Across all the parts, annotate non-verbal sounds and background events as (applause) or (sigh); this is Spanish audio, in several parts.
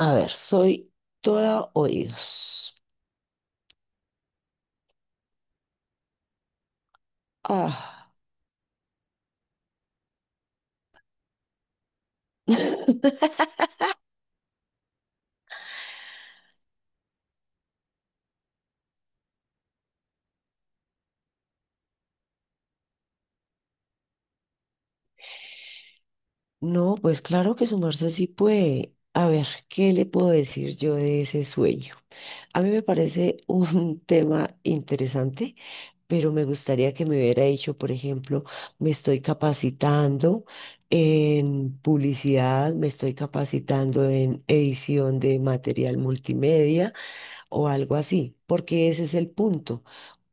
A ver, soy toda oídos. Ah. (laughs) No, pues claro que su merced sí puede. A ver, ¿qué le puedo decir yo de ese sueño? A mí me parece un (laughs) tema interesante, pero me gustaría que me hubiera dicho, por ejemplo, me estoy capacitando en publicidad, me estoy capacitando en edición de material multimedia o algo así, porque ese es el punto.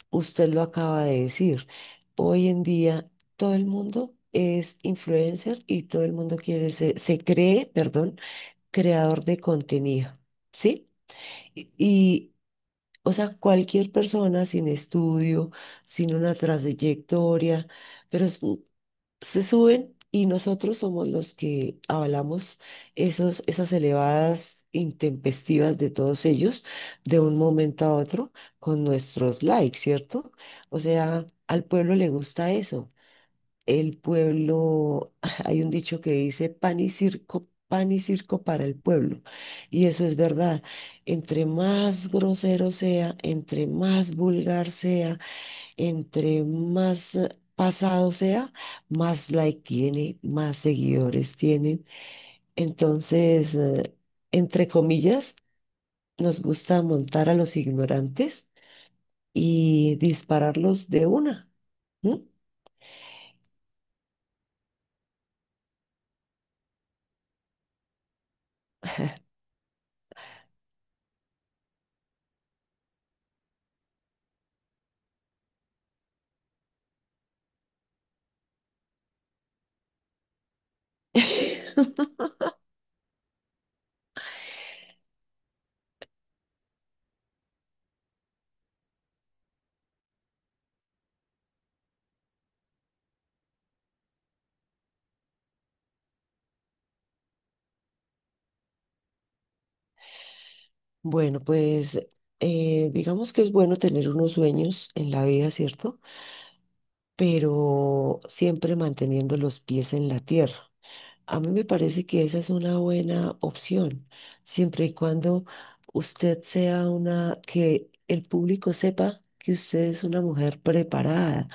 Usted lo acaba de decir. Hoy en día todo el mundo es influencer y todo el mundo quiere se cree, perdón, creador de contenido, ¿sí? Y, o sea, cualquier persona sin estudio, sin una trayectoria, pero se suben y nosotros somos los que avalamos esos, esas elevadas intempestivas de todos ellos de un momento a otro con nuestros likes, ¿cierto? O sea, al pueblo le gusta eso. El pueblo, (laughs) hay un dicho que dice pan y circo, pan y circo para el pueblo. Y eso es verdad. Entre más grosero sea, entre más vulgar sea, entre más pasado sea, más like tiene, más seguidores tienen. Entonces, entre comillas, nos gusta montar a los ignorantes y dispararlos de una. ¿M? Bueno, pues digamos que es bueno tener unos sueños en la vida, ¿cierto? Pero siempre manteniendo los pies en la tierra. A mí me parece que esa es una buena opción, siempre y cuando usted sea una, que el público sepa que usted es una mujer preparada,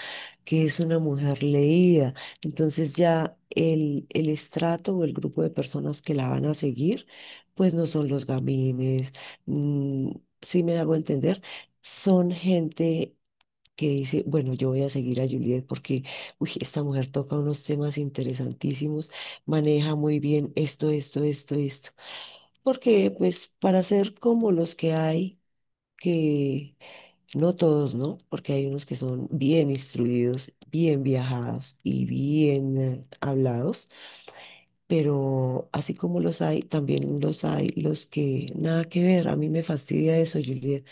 que es una mujer leída. Entonces ya el estrato o el grupo de personas que la van a seguir, pues no son los gamines, mm, si me hago entender, son gente que dice, bueno, yo voy a seguir a Juliet porque, uy, esta mujer toca unos temas interesantísimos, maneja muy bien esto, esto, esto, esto. Porque, pues, para ser como los que hay, que no todos, ¿no? Porque hay unos que son bien instruidos, bien viajados y bien hablados, pero así como los hay, también los hay los que nada que ver. A mí me fastidia eso, Juliet.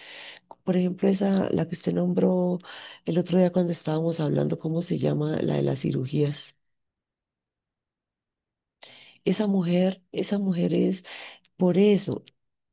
Por ejemplo, esa, la que usted nombró el otro día cuando estábamos hablando, ¿cómo se llama? La de las cirugías. Esa mujer es por eso,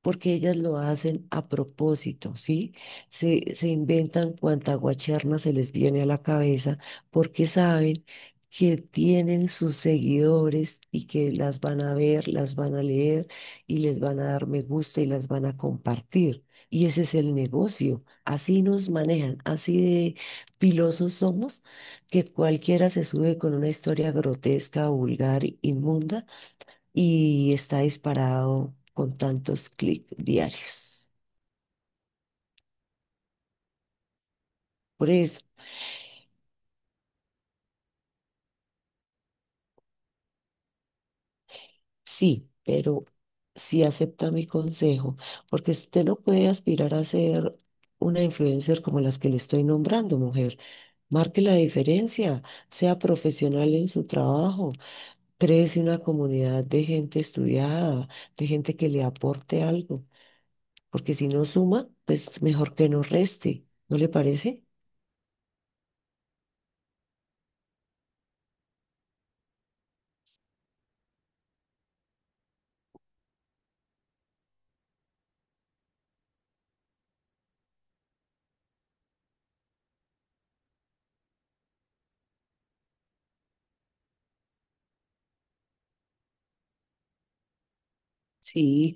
porque ellas lo hacen a propósito, ¿sí? Se inventan cuanta guacherna se les viene a la cabeza porque saben que tienen sus seguidores y que las van a ver, las van a leer y les van a dar me gusta y las van a compartir. Y ese es el negocio. Así nos manejan, así de pilosos somos, que cualquiera se sube con una historia grotesca, vulgar, inmunda y está disparado con tantos clics diarios. Por eso, sí, pero sí acepta mi consejo, porque si usted no puede aspirar a ser una influencer como las que le estoy nombrando, mujer. Marque la diferencia, sea profesional en su trabajo, créese una comunidad de gente estudiada, de gente que le aporte algo, porque si no suma, pues mejor que no reste, ¿no le parece? Sí,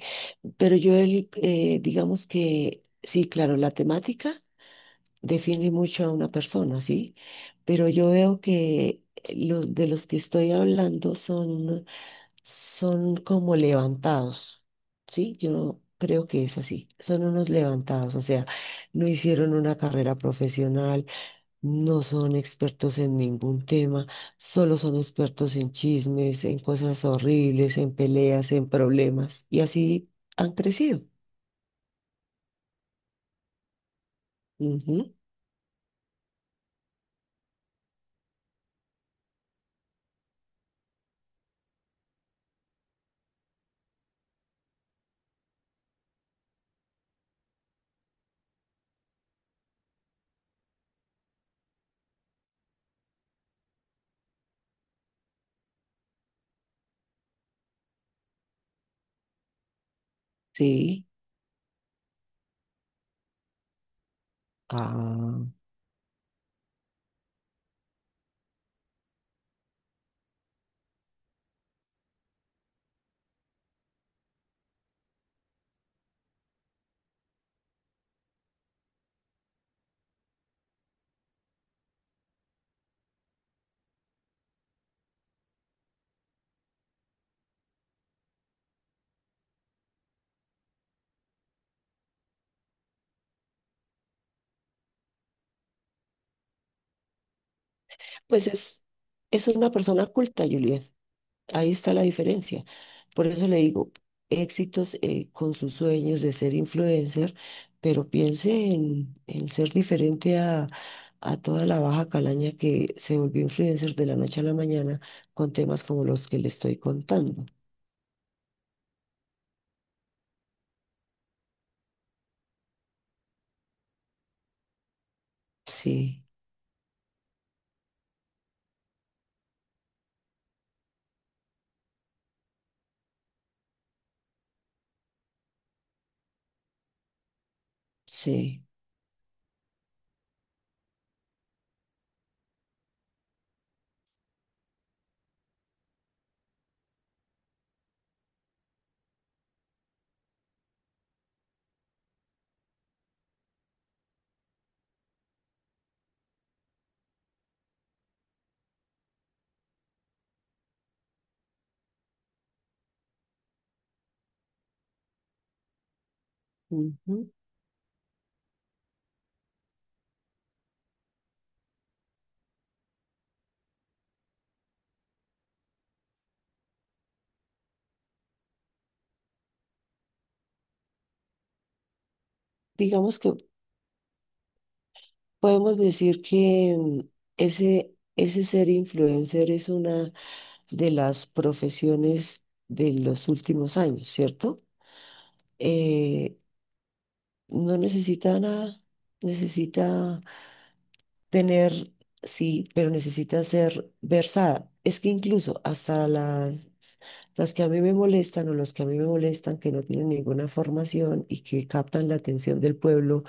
pero yo, digamos que, sí, claro, la temática define mucho a una persona, ¿sí? Pero yo veo que los de los que estoy hablando son, son como levantados, ¿sí? Yo creo que es así, son unos levantados, o sea, no hicieron una carrera profesional, no son expertos en ningún tema, solo son expertos en chismes, en cosas horribles, en peleas, en problemas. Y así han crecido. Ujú, sí. Ah, pues es una persona culta, Juliet. Ahí está la diferencia. Por eso le digo, éxitos con sus sueños de ser influencer, pero piense en ser diferente a toda la baja calaña que se volvió influencer de la noche a la mañana con temas como los que le estoy contando. Sí, sí. Ujú. Digamos que podemos decir que ese ser influencer es una de las profesiones de los últimos años, ¿cierto? Eh, No necesita nada, necesita tener, sí, pero necesita ser versada. Es que incluso hasta las que a mí me molestan o los que a mí me molestan, que no tienen ninguna formación y que captan la atención del pueblo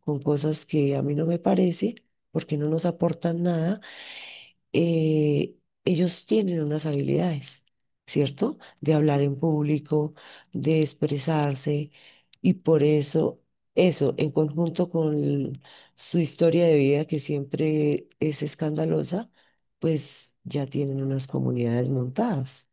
con cosas que a mí no me parece, porque no nos aportan nada, eh, ellos tienen unas habilidades, ¿cierto? De hablar en público, de expresarse, y por eso, en conjunto con su historia de vida, que siempre es escandalosa, pues ya tienen unas comunidades montadas.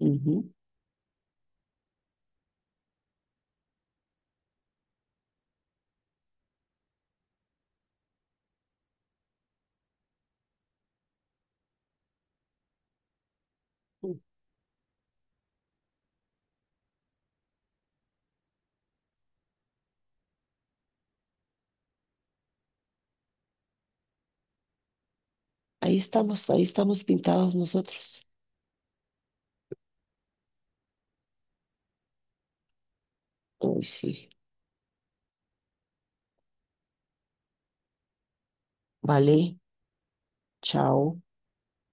Ujú. Ahí estamos pintados nosotros. Uy, sí. Vale, chao.